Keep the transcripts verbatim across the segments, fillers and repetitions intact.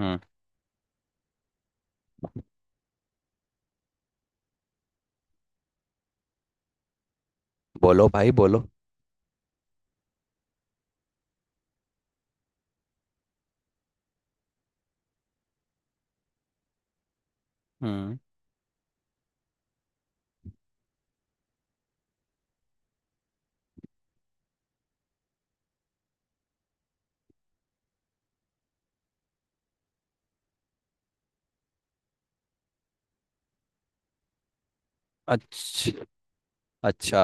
हम्म। बोलो भाई, बोलो। हम्म। अच्छा। अच्छा,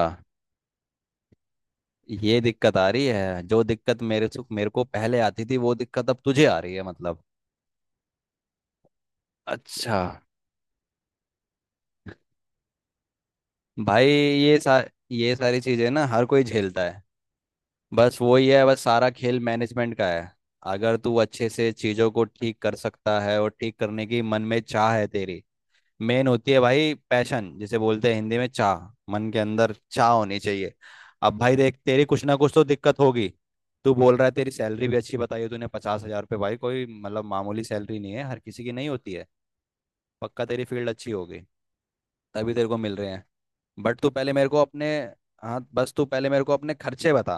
ये दिक्कत आ रही है। जो दिक्कत मेरे से मेरे को पहले आती थी, वो दिक्कत अब तुझे आ रही है मतलब। अच्छा। भाई, ये सा ये सारी चीजें ना हर कोई झेलता है। बस वही है, बस सारा खेल मैनेजमेंट का है। अगर तू अच्छे से चीजों को ठीक कर सकता है और ठीक करने की मन में चाह है तेरी, मेन होती है भाई, पैशन जिसे बोलते हैं, हिंदी में चाह। मन के अंदर चाह होनी चाहिए। अब भाई देख, तेरी कुछ ना कुछ तो दिक्कत होगी। तू बोल रहा है तेरी सैलरी भी अच्छी बताई है तूने, पचास हजार रुपये। भाई कोई मतलब मामूली सैलरी नहीं है, हर किसी की नहीं होती है। पक्का तेरी फील्ड अच्छी होगी, तभी तेरे को मिल रहे हैं। बट तू पहले मेरे को अपने, हाँ, बस तू पहले मेरे को अपने खर्चे बता।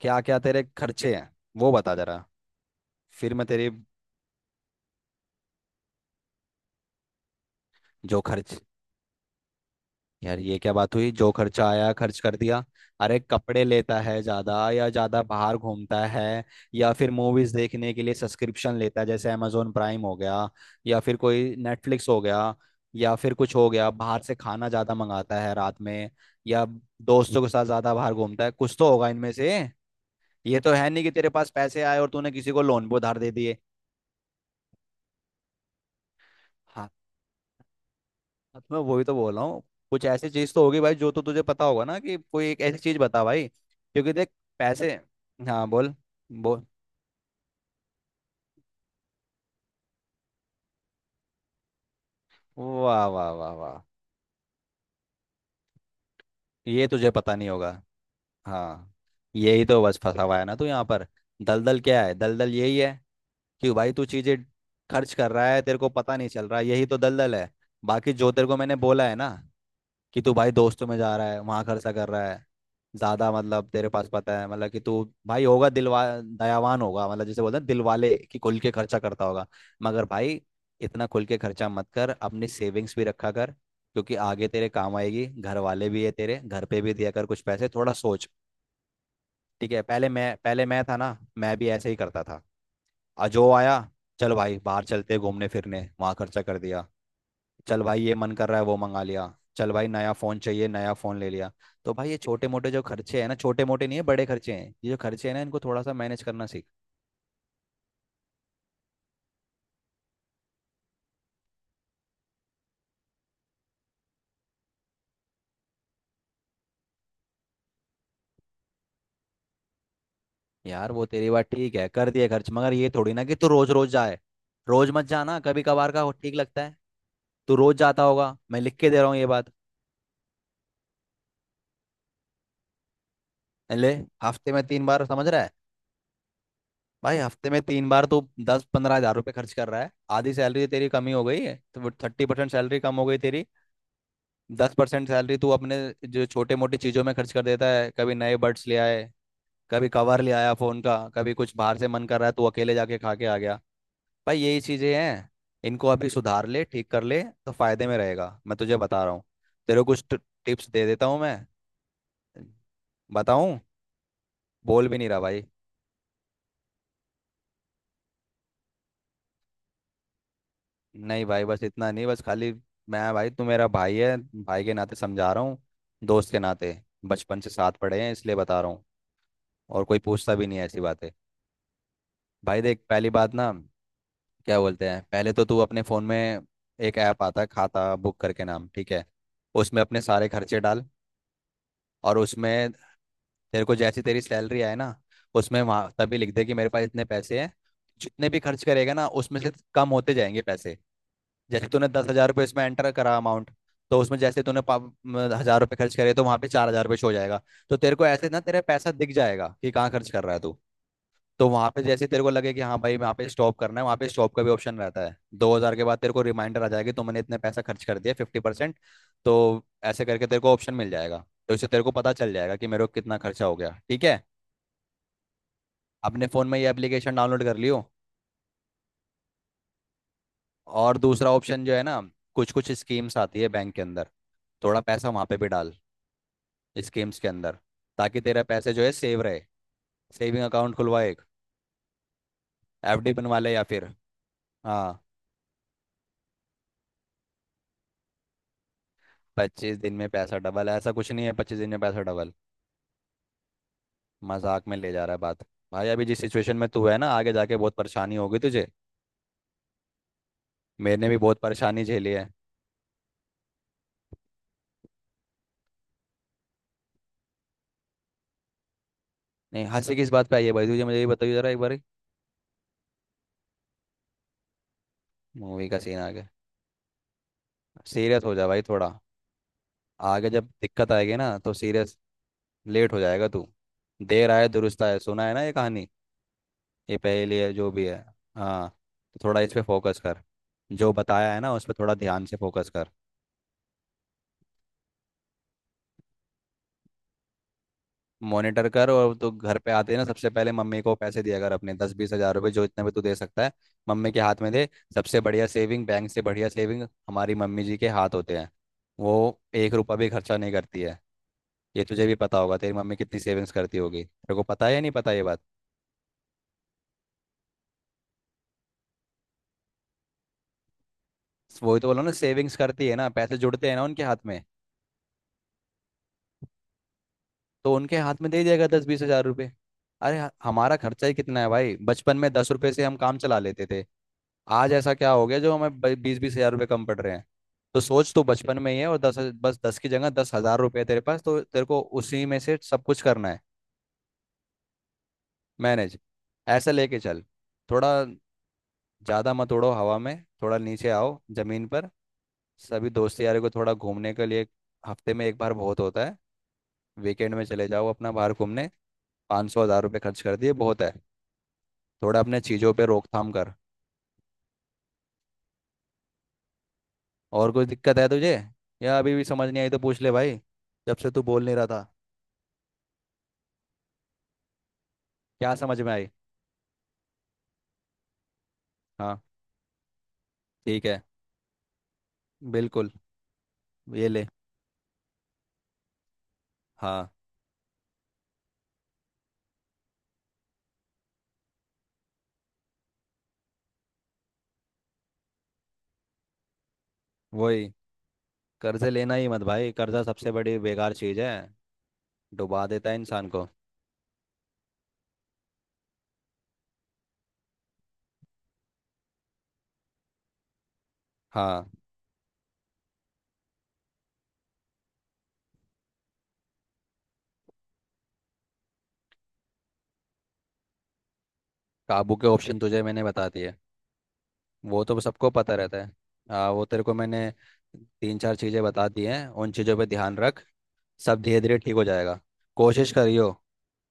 क्या क्या तेरे खर्चे हैं वो बता जरा। फिर मैं तेरी, जो खर्च, यार ये क्या बात हुई, जो खर्चा आया खर्च कर दिया। अरे कपड़े लेता है ज्यादा, या ज्यादा बाहर घूमता है, या फिर मूवीज देखने के लिए सब्सक्रिप्शन लेता है, जैसे amazon प्राइम हो गया, या फिर कोई नेटफ्लिक्स हो गया, या फिर कुछ हो गया, बाहर से खाना ज्यादा मंगाता है रात में, या दोस्तों के साथ ज्यादा बाहर घूमता है। कुछ तो होगा इनमें से। ये तो है नहीं कि तेरे पास पैसे आए और तूने किसी को लोन पे उधार दे दिए। हाँ, हाँ, तो मैं वही तो बोल रहा हूँ। कुछ ऐसी चीज तो होगी भाई, जो तो तुझे पता होगा ना, कि कोई एक ऐसी चीज बता भाई, क्योंकि देख, पैसे। हाँ, बोल। बोल। वाह वाह वाह वाह। ये तुझे पता नहीं होगा। हाँ, यही तो बस फंसा हुआ है ना तू यहाँ पर। दलदल क्या है, दलदल यही है। कि भाई तू चीजें खर्च कर रहा है, तेरे को पता नहीं चल रहा, यही तो दलदल है। बाकी जो तेरे को मैंने बोला है ना, कि तू भाई दोस्तों में जा रहा है वहां खर्चा कर रहा है ज्यादा। मतलब तेरे पास पता है, मतलब कि तू भाई होगा, दिलवा दयावान होगा, मतलब जैसे बोलते हैं दिल वाले, कि खुल के खर्चा करता होगा। मगर भाई, इतना खुल के खर्चा मत कर, अपनी सेविंग्स भी रखा कर, क्योंकि आगे तेरे काम आएगी। घर वाले भी है तेरे, घर पे भी दिया कर कुछ पैसे, थोड़ा सोच। ठीक है, पहले मैं पहले मैं था ना, मैं भी ऐसे ही करता था। आ, जो आया, चल भाई बाहर चलते हैं घूमने फिरने, वहां खर्चा कर दिया। चल भाई ये मन कर रहा है, वो मंगा लिया। चल भाई नया फोन चाहिए, नया फोन ले लिया। तो भाई ये छोटे मोटे जो खर्चे हैं ना, छोटे मोटे नहीं है बड़े खर्चे हैं ये जो खर्चे हैं ना, इनको थोड़ा सा मैनेज करना सीख। यार वो तेरी बात ठीक है, कर दिए खर्च, मगर ये थोड़ी ना कि तू रोज रोज जाए। रोज मत जाना, कभी कभार का हो- ठीक लगता है। तू रोज जाता होगा, मैं लिख के दे रहा हूँ ये बात। ले। हफ्ते में तीन बार, समझ रहा है। भाई हफ्ते में तीन बार तू दस पंद्रह हजार रुपये खर्च कर रहा है। आधी सैलरी तेरी कमी हो गई है, तो थर्टी परसेंट सैलरी कम हो गई तेरी। दस परसेंट सैलरी तू अपने जो छोटे मोटी चीजों में खर्च कर देता है, कभी नए बड्स ले आए, कभी कवर ले आया फोन का, कभी कुछ बाहर से मन कर रहा है तू अकेले जाके खा के आ गया। भाई यही चीजें हैं, इनको अभी सुधार ले, ठीक कर ले तो फायदे में रहेगा, मैं तुझे बता रहा हूँ। तेरे को कुछ टिप्स दे देता हूँ मैं। बताऊं? बोल भी नहीं रहा भाई। नहीं भाई, बस इतना नहीं, बस खाली। मैं भाई, तू मेरा भाई है, भाई के नाते समझा रहा हूँ, दोस्त के नाते, बचपन से साथ पढ़े हैं इसलिए बता रहा हूँ। और कोई पूछता भी नहीं है ऐसी बातें। भाई देख, पहली बात ना, क्या बोलते हैं, पहले तो तू अपने फ़ोन में एक ऐप आता है खाता बुक करके नाम, ठीक है। उसमें अपने सारे खर्चे डाल। और उसमें तेरे को जैसी तेरी सैलरी आए ना, उसमें वहाँ तभी लिख दे कि मेरे पास इतने पैसे हैं। जितने भी खर्च करेगा ना उसमें से कम होते जाएंगे पैसे। जैसे तूने दस हज़ार रुपये इसमें एंटर करा अमाउंट। तो उसमें जैसे तूने पा- म, हज़ार रुपये खर्च करे तो वहाँ पे चार हज़ार रुपये शो हो जाएगा। तो तेरे को ऐसे ना तेरा पैसा दिख जाएगा कि कहाँ खर्च कर रहा है तू। तो वहां पे जैसे तेरे को लगे कि हाँ भाई वहाँ पे स्टॉप करना है, वहाँ पे स्टॉप का भी ऑप्शन रहता है, दो हजार के बाद तेरे को रिमाइंडर आ जाएगी, तुमने इतने पैसा खर्च कर दिया फिफ्टी परसेंट। तो ऐसे करके तेरे को ऑप्शन मिल जाएगा। तो इससे तेरे को पता चल जाएगा कि मेरे को कितना खर्चा हो गया, ठीक है। अपने फोन में ये एप्लीकेशन डाउनलोड कर लियो। और दूसरा ऑप्शन जो है ना, कुछ कुछ स्कीम्स आती है बैंक के अंदर, थोड़ा पैसा वहाँ पे भी डाल, स्कीम्स के अंदर, ताकि तेरा पैसे जो है सेव रहे। सेविंग अकाउंट खुलवा एक, एफडी बनवा ले या फिर, हाँ। पच्चीस दिन में पैसा डबल, ऐसा कुछ नहीं है पच्चीस दिन में पैसा डबल। मजाक में ले जा रहा है बात। भाई अभी जिस सिचुएशन में तू है ना, आगे जाके बहुत परेशानी होगी तुझे। मैंने भी बहुत परेशानी झेली है। नहीं, हंसी किस बात पे आई है भाई तुझे, मुझे ये बताइए जरा एक बार। मूवी का सीन आ गया? सीरियस हो जा भाई थोड़ा, आगे जब दिक्कत आएगी ना तो सीरियस, लेट हो जाएगा तू। देर आए दुरुस्त आए, सुना है ना ये कहानी, ये पहेली है जो भी है। हाँ, तो थोड़ा इस पे फोकस कर। जो बताया है ना उस पर थोड़ा ध्यान से फोकस कर। मॉनिटर कर, और तो घर पे आते ही ना सबसे पहले मम्मी को पैसे दिया कर अपने, दस बीस हजार रुपए जो इतने भी तू दे सकता है, मम्मी के हाथ में दे। सबसे बढ़िया सेविंग, बैंक से बढ़िया सेविंग हमारी मम्मी जी के हाथ होते हैं। वो एक रुपया भी खर्चा नहीं करती है। ये तुझे भी पता होगा, तेरी मम्मी कितनी सेविंग्स करती होगी, तेरे को पता है या नहीं पता ये बात। वही तो बोला ना, सेविंग्स करती है ना, पैसे जुड़ते हैं ना उनके हाथ में। तो उनके हाथ में दे जाएगा दस बीस हजार रुपए। अरे, ह- हमारा खर्चा ही कितना है भाई, बचपन में दस रुपए से हम काम चला लेते थे। आज ऐसा क्या हो गया जो हमें बीस बीस हजार रुपये कम पड़ रहे हैं। तो सोच, तो बचपन में ही है, और दस, बस दस की जगह दस हजार रुपये तेरे पास, तो तेरे को उसी में से सब कुछ करना है, मैनेज। ऐसा लेके चल, थोड़ा ज़्यादा मत उड़ो हवा में, थोड़ा नीचे आओ ज़मीन पर। सभी दोस्त यारों को थोड़ा घूमने के लिए, हफ्ते में एक बार बहुत होता है। वीकेंड में चले जाओ अपना बाहर घूमने, पाँच सौ हज़ार रुपये खर्च कर दिए बहुत है। थोड़ा अपने चीज़ों पे रोकथाम कर। और कुछ दिक्कत है तुझे, या अभी भी समझ नहीं आई तो पूछ ले भाई। जब से तू बोल नहीं रहा था। क्या समझ में आई? हाँ। ठीक है, बिल्कुल। ये ले। हाँ, वही। कर्जे लेना ही मत भाई, कर्जा सबसे बड़ी बेकार चीज़ है, डुबा देता है इंसान को। हाँ। काबू के ऑप्शन तुझे मैंने बता दिए, वो तो सबको पता रहता है। हाँ, वो तेरे को मैंने तीन चार चीज़ें बता दी हैं, उन चीज़ों पे ध्यान रख। सब धीरे धीरे ठीक हो जाएगा। कोशिश करियो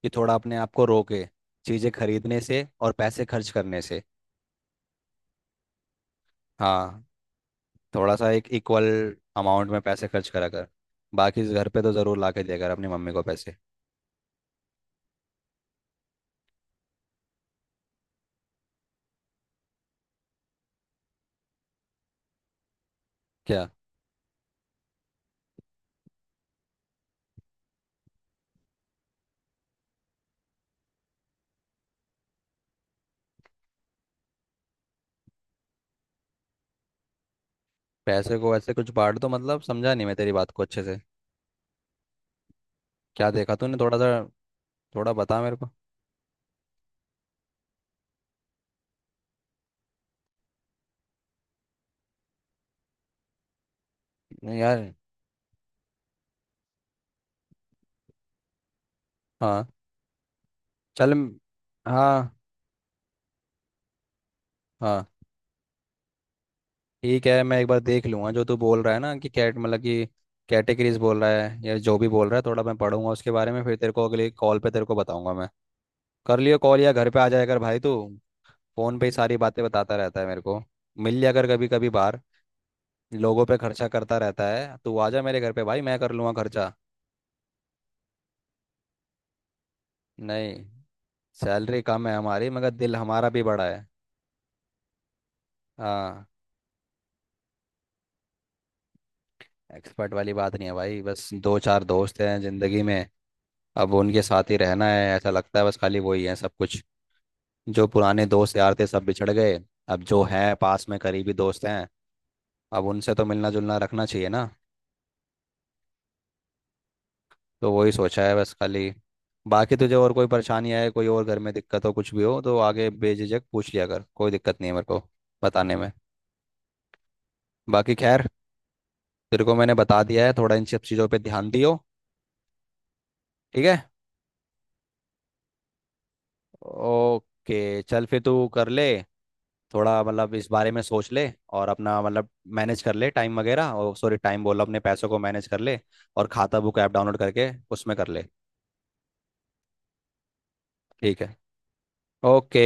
कि थोड़ा अपने आप को रोके, चीज़ें खरीदने से और पैसे खर्च करने से। हाँ। थोड़ा सा एक इक्वल अमाउंट में पैसे खर्च करा कर। बाकी घर पे तो ज़रूर ला के दिया कर अपनी मम्मी को पैसे। क्या? पैसे को ऐसे कुछ बांट दो मतलब, समझा नहीं मैं तेरी बात को अच्छे से। क्या देखा तूने, थोड़ा सा, थोड़ा बता मेरे को। नहीं यार। हाँ। चल म- हाँ। हाँ, ठीक है, मैं एक बार देख लूँगा जो तू बोल रहा है ना कि कैट, मतलब कि कैटेगरीज बोल रहा है या जो भी बोल रहा है, थोड़ा मैं पढ़ूंगा उसके बारे में, फिर तेरे को अगले कॉल पे तेरे को बताऊंगा मैं। कर लियो कॉल, या घर पे आ जाया कर भाई तू। फोन पे ही सारी बातें बताता रहता है मेरे को। मिल लिया कर कभी कभी बाहर। लोगों पे खर्चा करता रहता है तू, आ जा मेरे घर पे भाई, मैं कर लूँगा खर्चा। नहीं, सैलरी कम है हमारी मगर दिल हमारा भी बड़ा है। हाँ। एक्सपर्ट वाली बात नहीं है भाई, बस दो चार दोस्त हैं जिंदगी में, अब उनके साथ ही रहना है ऐसा लगता है, बस खाली वही है सब कुछ। जो पुराने दोस्त यार थे सब बिछड़ गए, अब जो हैं पास में करीबी दोस्त हैं, अब उनसे तो मिलना जुलना रखना चाहिए ना। तो वही सोचा है बस खाली। बाकी तुझे और कोई परेशानी आए, कोई और घर में दिक्कत हो, कुछ भी हो तो आगे बेझिझक पूछ लिया कर, कोई दिक्कत नहीं है मेरे को बताने में। बाकी खैर, तेरे को मैंने बता दिया है, थोड़ा इन सब चीज़ों पे ध्यान दियो, ठीक है। ओके। चल फिर तू कर ले, थोड़ा मतलब इस बारे में सोच ले और अपना मतलब, मैनेज कर ले टाइम वगैरह, और सॉरी, टाइम बोला, अपने पैसों को मैनेज कर ले। और खाता बुक ऐप डाउनलोड करके उसमें कर ले। ठीक है। ओके।